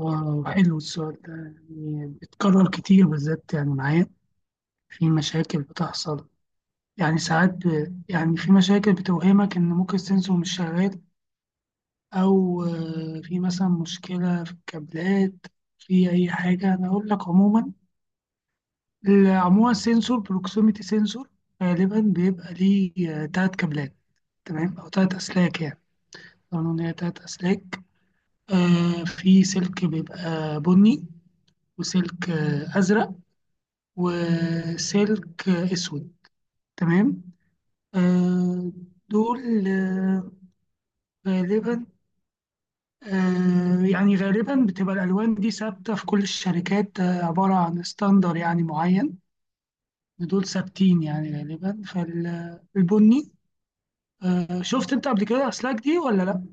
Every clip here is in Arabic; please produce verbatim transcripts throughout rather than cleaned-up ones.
واو، حلو السؤال ده. يعني بيتكرر كتير بالذات يعني معايا، في مشاكل بتحصل. يعني ساعات ب... يعني في مشاكل بتوهمك إن ممكن السنسور مش شغال، أو آه، في مثلا مشكلة في الكابلات، في أي حاجة. أنا أقول لك عموما. ال- عموما السنسور بروكسيميتي سنسور، غالبا بيبقى ليه آه، تلات كابلات. تمام، أو تلات أسلاك يعني، قانون هي تلات أسلاك. آه، في سلك بيبقى بني، وسلك آه، أزرق، وسلك أسود. تمام. آه، دول آه، غالبا آه، يعني غالبا بتبقى الألوان دي ثابتة في كل الشركات، آه، عبارة عن ستاندر يعني معين. دول ثابتين يعني غالبا، فالبني. آه، شفت أنت قبل كده أسلاك دي ولا لأ؟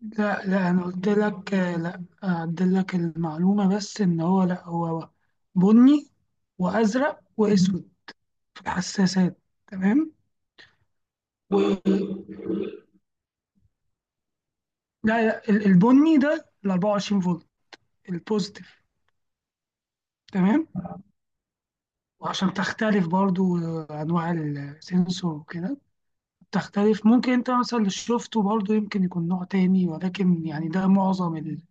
لا لا، أنا قلت لك، آه، لأ أعدل لك المعلومة، بس إن هو لأ، هو بني وأزرق وأسود في الحساسات. تمام. لا لا، ال- البني ده ال اربعه وعشرين فولت، البوزيتيف. تمام. وعشان تختلف برضو آه، انواع السنسور وكده، تختلف، ممكن انت مثلا اللي شفته برضو يمكن يكون نوع تاني، ولكن يعني ده معظم ال-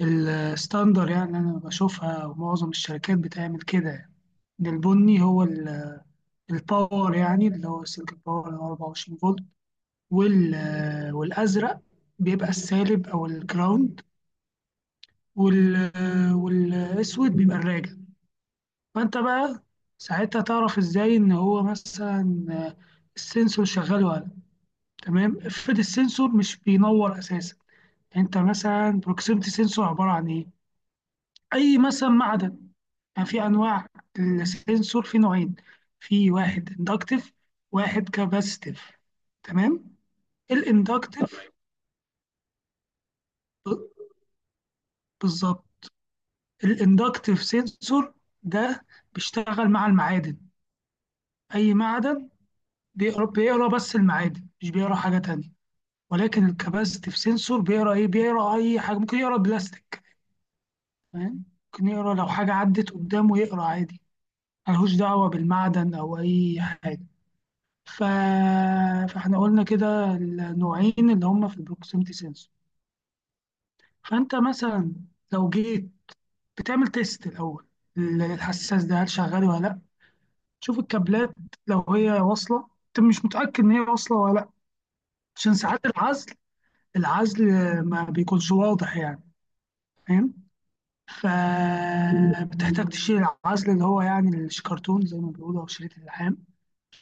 الستاندر يعني اللي انا بشوفها، ومعظم الشركات بتعمل كده يعني. إن البني هو ال- الباور يعني، اللي هو سلك الباور اللي هو اربع وعشرين فولت. وال- آه، والازرق بيبقى السالب او الجراوند. وال- آه، والاسود بيبقى الراجع. فأنت بقى ساعتها تعرف إزاي إن هو مثلا آه، السنسور شغال ولا لأ. تمام، افرض السنسور مش بينور أساسا. يعني أنت مثلا بروكسيمتي سنسور عبارة عن إيه؟ أي مثلا معدن. يعني في أنواع، السنسور في نوعين: في واحد إندكتيف، واحد كاباسيتيف. تمام. الإندكتيف بالظبط. الإندكتيف سنسور ده بيشتغل مع المعادن، أي معدن، بيقرا بيقرا بس المعادن، مش بيقرا حاجة تانية. ولكن الكباستيف سنسور بيقرا ايه؟ بيقرا اي حاجه، ممكن يقرا بلاستيك، فاهم؟ ممكن يقرا لو حاجه عدت قدامه، يقرا عادي، ملهوش دعوه بالمعدن او اي حاجه. ف... فاحنا قلنا كده النوعين اللي هم في البروكسيمتي سنسور. فانت مثلا لو جيت بتعمل تيست الاول، الحساس ده هل شغال ولا لا. تشوف الكابلات، لو هي واصله، انت مش متاكد ان هي واصله ولا لا، عشان ساعات العزل العزل ما بيكونش واضح يعني، فاهم؟ فبتحتاج تشيل العزل، اللي هو يعني الشكرتون زي ما بيقولوا، أو شريط اللحام،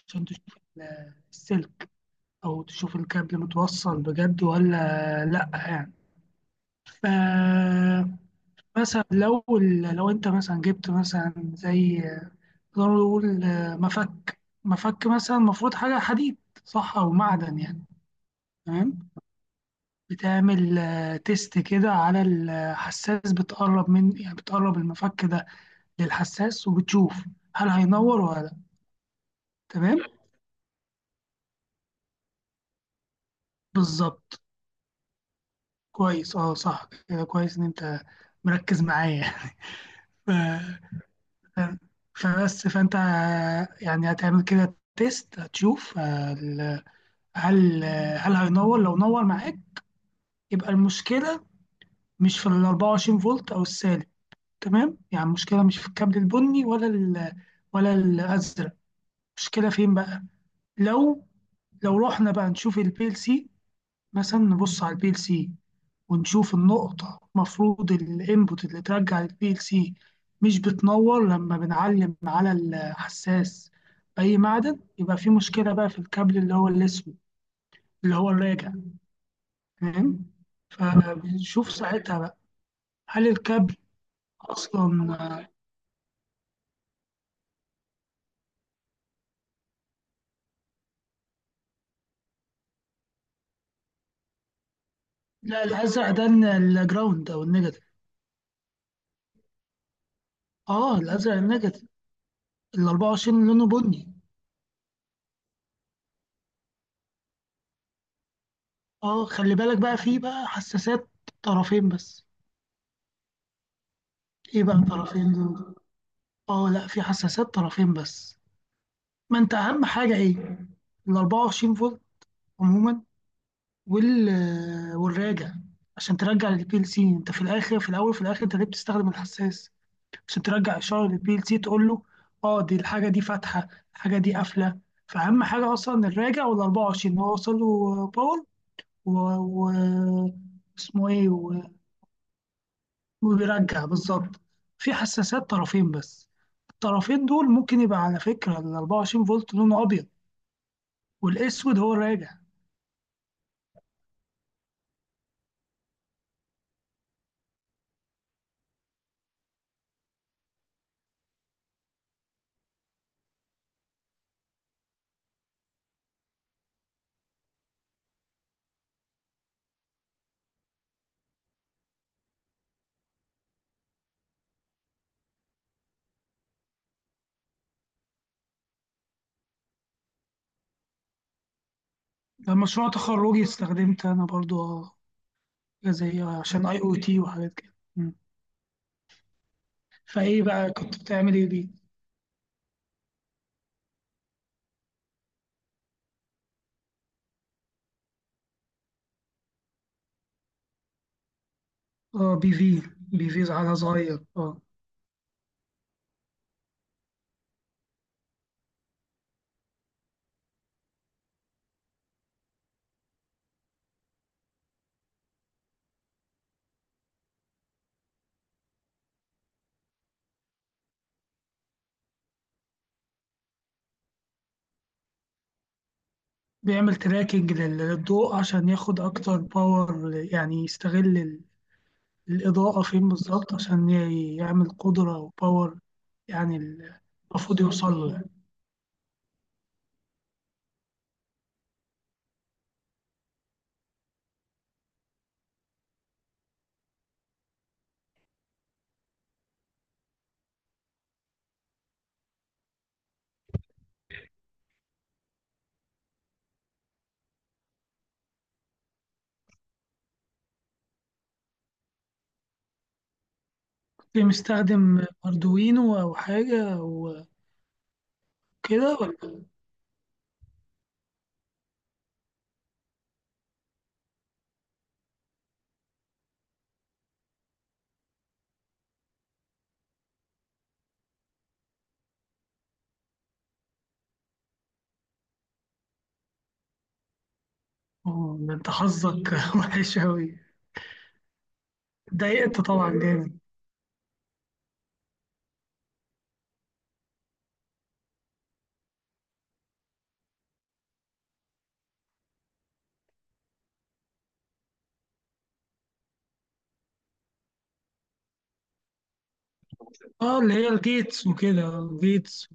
عشان تشوف ال- السلك، أو تشوف الكابل متوصل بجد ولا لأ يعني. ف مثلا لو ال- لو انت مثلا جبت مثلا زي، نقدر نقول مفك. مفك مثلا المفروض حاجة حديد، صح؟ أو معدن يعني. تمام. بتعمل آه، تيست كده على الحساس، بتقرب من، يعني بتقرب المفك ده للحساس، وبتشوف هل هينور ولا لا. تمام، بالظبط. كويس، اه صح كده، كويس ان انت مركز معايا. ف- ف- فبس فانت يعني هتعمل كده تيست، هتشوف آه، ال- هل هل هينور. لو نور معاك، يبقى المشكلة مش في ال اربع وعشرين فولت او السالب. تمام، يعني المشكلة مش في الكابل البني ولا ال ولا الازرق. المشكلة فين بقى؟ لو لو رحنا بقى نشوف البي ال سي، مثلا نبص على البي ال سي، ونشوف النقطة، المفروض الانبوت اللي ترجع للبي ال سي مش بتنور لما بنعلم على الحساس أي معدن، يبقى في مشكلة بقى في الكابل اللي هو الأسود، اللي هو الراجع، فاهم؟ فبنشوف ساعتها بقى هل الكابل أصلا. لا، الأزرق ده الن- الجراوند أو النيجاتيف. اه الأزرق النيجاتيف، ال اربعه وعشرين لونه بني. اه، خلي بالك بقى، في بقى حساسات طرفين بس. ايه بقى طرفين دول؟ اه لا، في حساسات طرفين بس. ما انت اهم حاجه ايه؟ ال اربعه وعشرين فولت عموما، وال والراجع، عشان ترجع للبي ال سي. انت في الاخر، في الاول، في الاخر، انت ليه بتستخدم الحساس؟ عشان ترجع اشاره للبي ال سي، تقول له اه دي الحاجه دي فاتحه، الحاجه دي قافله، فاهم حاجه؟ اصلا الراجع وال اربع وعشرين ان هو وصل له باور، و... و... اسمه ايه، و... وبيرجع بالظبط. في حساسات طرفين بس، الطرفين دول ممكن يبقى على فكره، ال اربعه وعشرين فولت لونه ابيض، والاسود هو الراجع. ده مشروع تخرجي، استخدمت أنا برضو حاجة زي، آه، عشان أي أو تي وحاجات كده. مم. فإيه بقى كنت بتعمل إيه بيه؟ آه بي في بي في على صغير. آه بيعمل تراكنج لل- للضوء عشان ياخد أكتر باور، يعني يستغل ال- الإضاءة فين بالظبط عشان ي- يعمل قدرة وباور. يعني ال- المفروض يوصل له يعني. كنت مستخدم أردوينو أو حاجة وكده، ولا؟ آه، ده أنت حظك وحش أوي. اتضايقت طبعا جامد. اه اللي هي الجيتس وكده، الجيتس.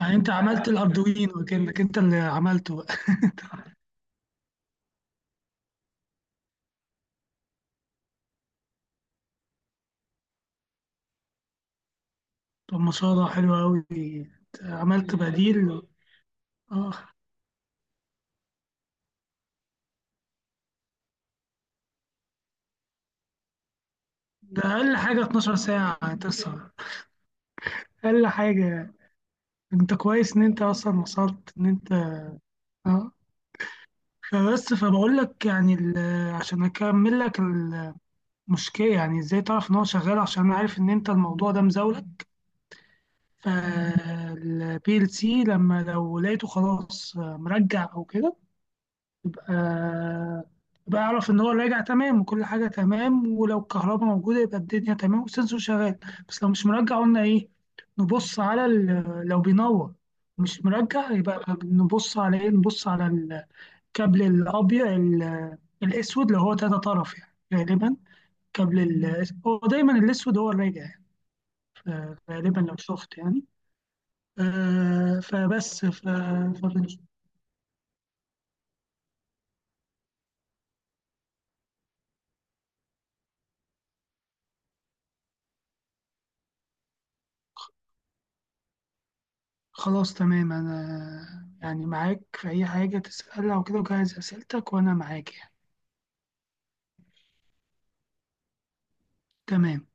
يعني انت عملت الاردوين وكانك انت اللي عملته بقى. طب ما شاء الله، حلو قوي. عملت بديل. اه ده اقل حاجه اتناشر ساعه، تسعة، اقل حاجه. انت كويس ان انت اصلا وصلت ان انت. اه، فبس، فبقول لك يعني ال- عشان اكمل لك المشكله، يعني ازاي تعرف ان هو شغال، عشان انا عارف ان انت الموضوع ده مزاولك. فالبي ال سي لما لو لقيته خلاص مرجع او كده، آه بعرف ان هو راجع تمام وكل حاجه تمام، ولو الكهرباء موجوده يبقى الدنيا تمام والسنسور شغال. بس لو مش مرجع، قلنا ايه، نبص على ال- آه، لو بينور. مش مرجع، يبقى نبص على ايه؟ نبص على الكابل الابيض، ال- الاسود، اللي هو تلاتة طرف يعني، غالبا. كابل ال- هو دايما الاسود هو الراجع يعني. ف- غالبا لو شفت يعني، آه، فبس ف- خلاص تمام، أنا يعني معاك في أي حاجة تسألها وكده، وجهز أسئلتك وأنا معاك يعني. تمام.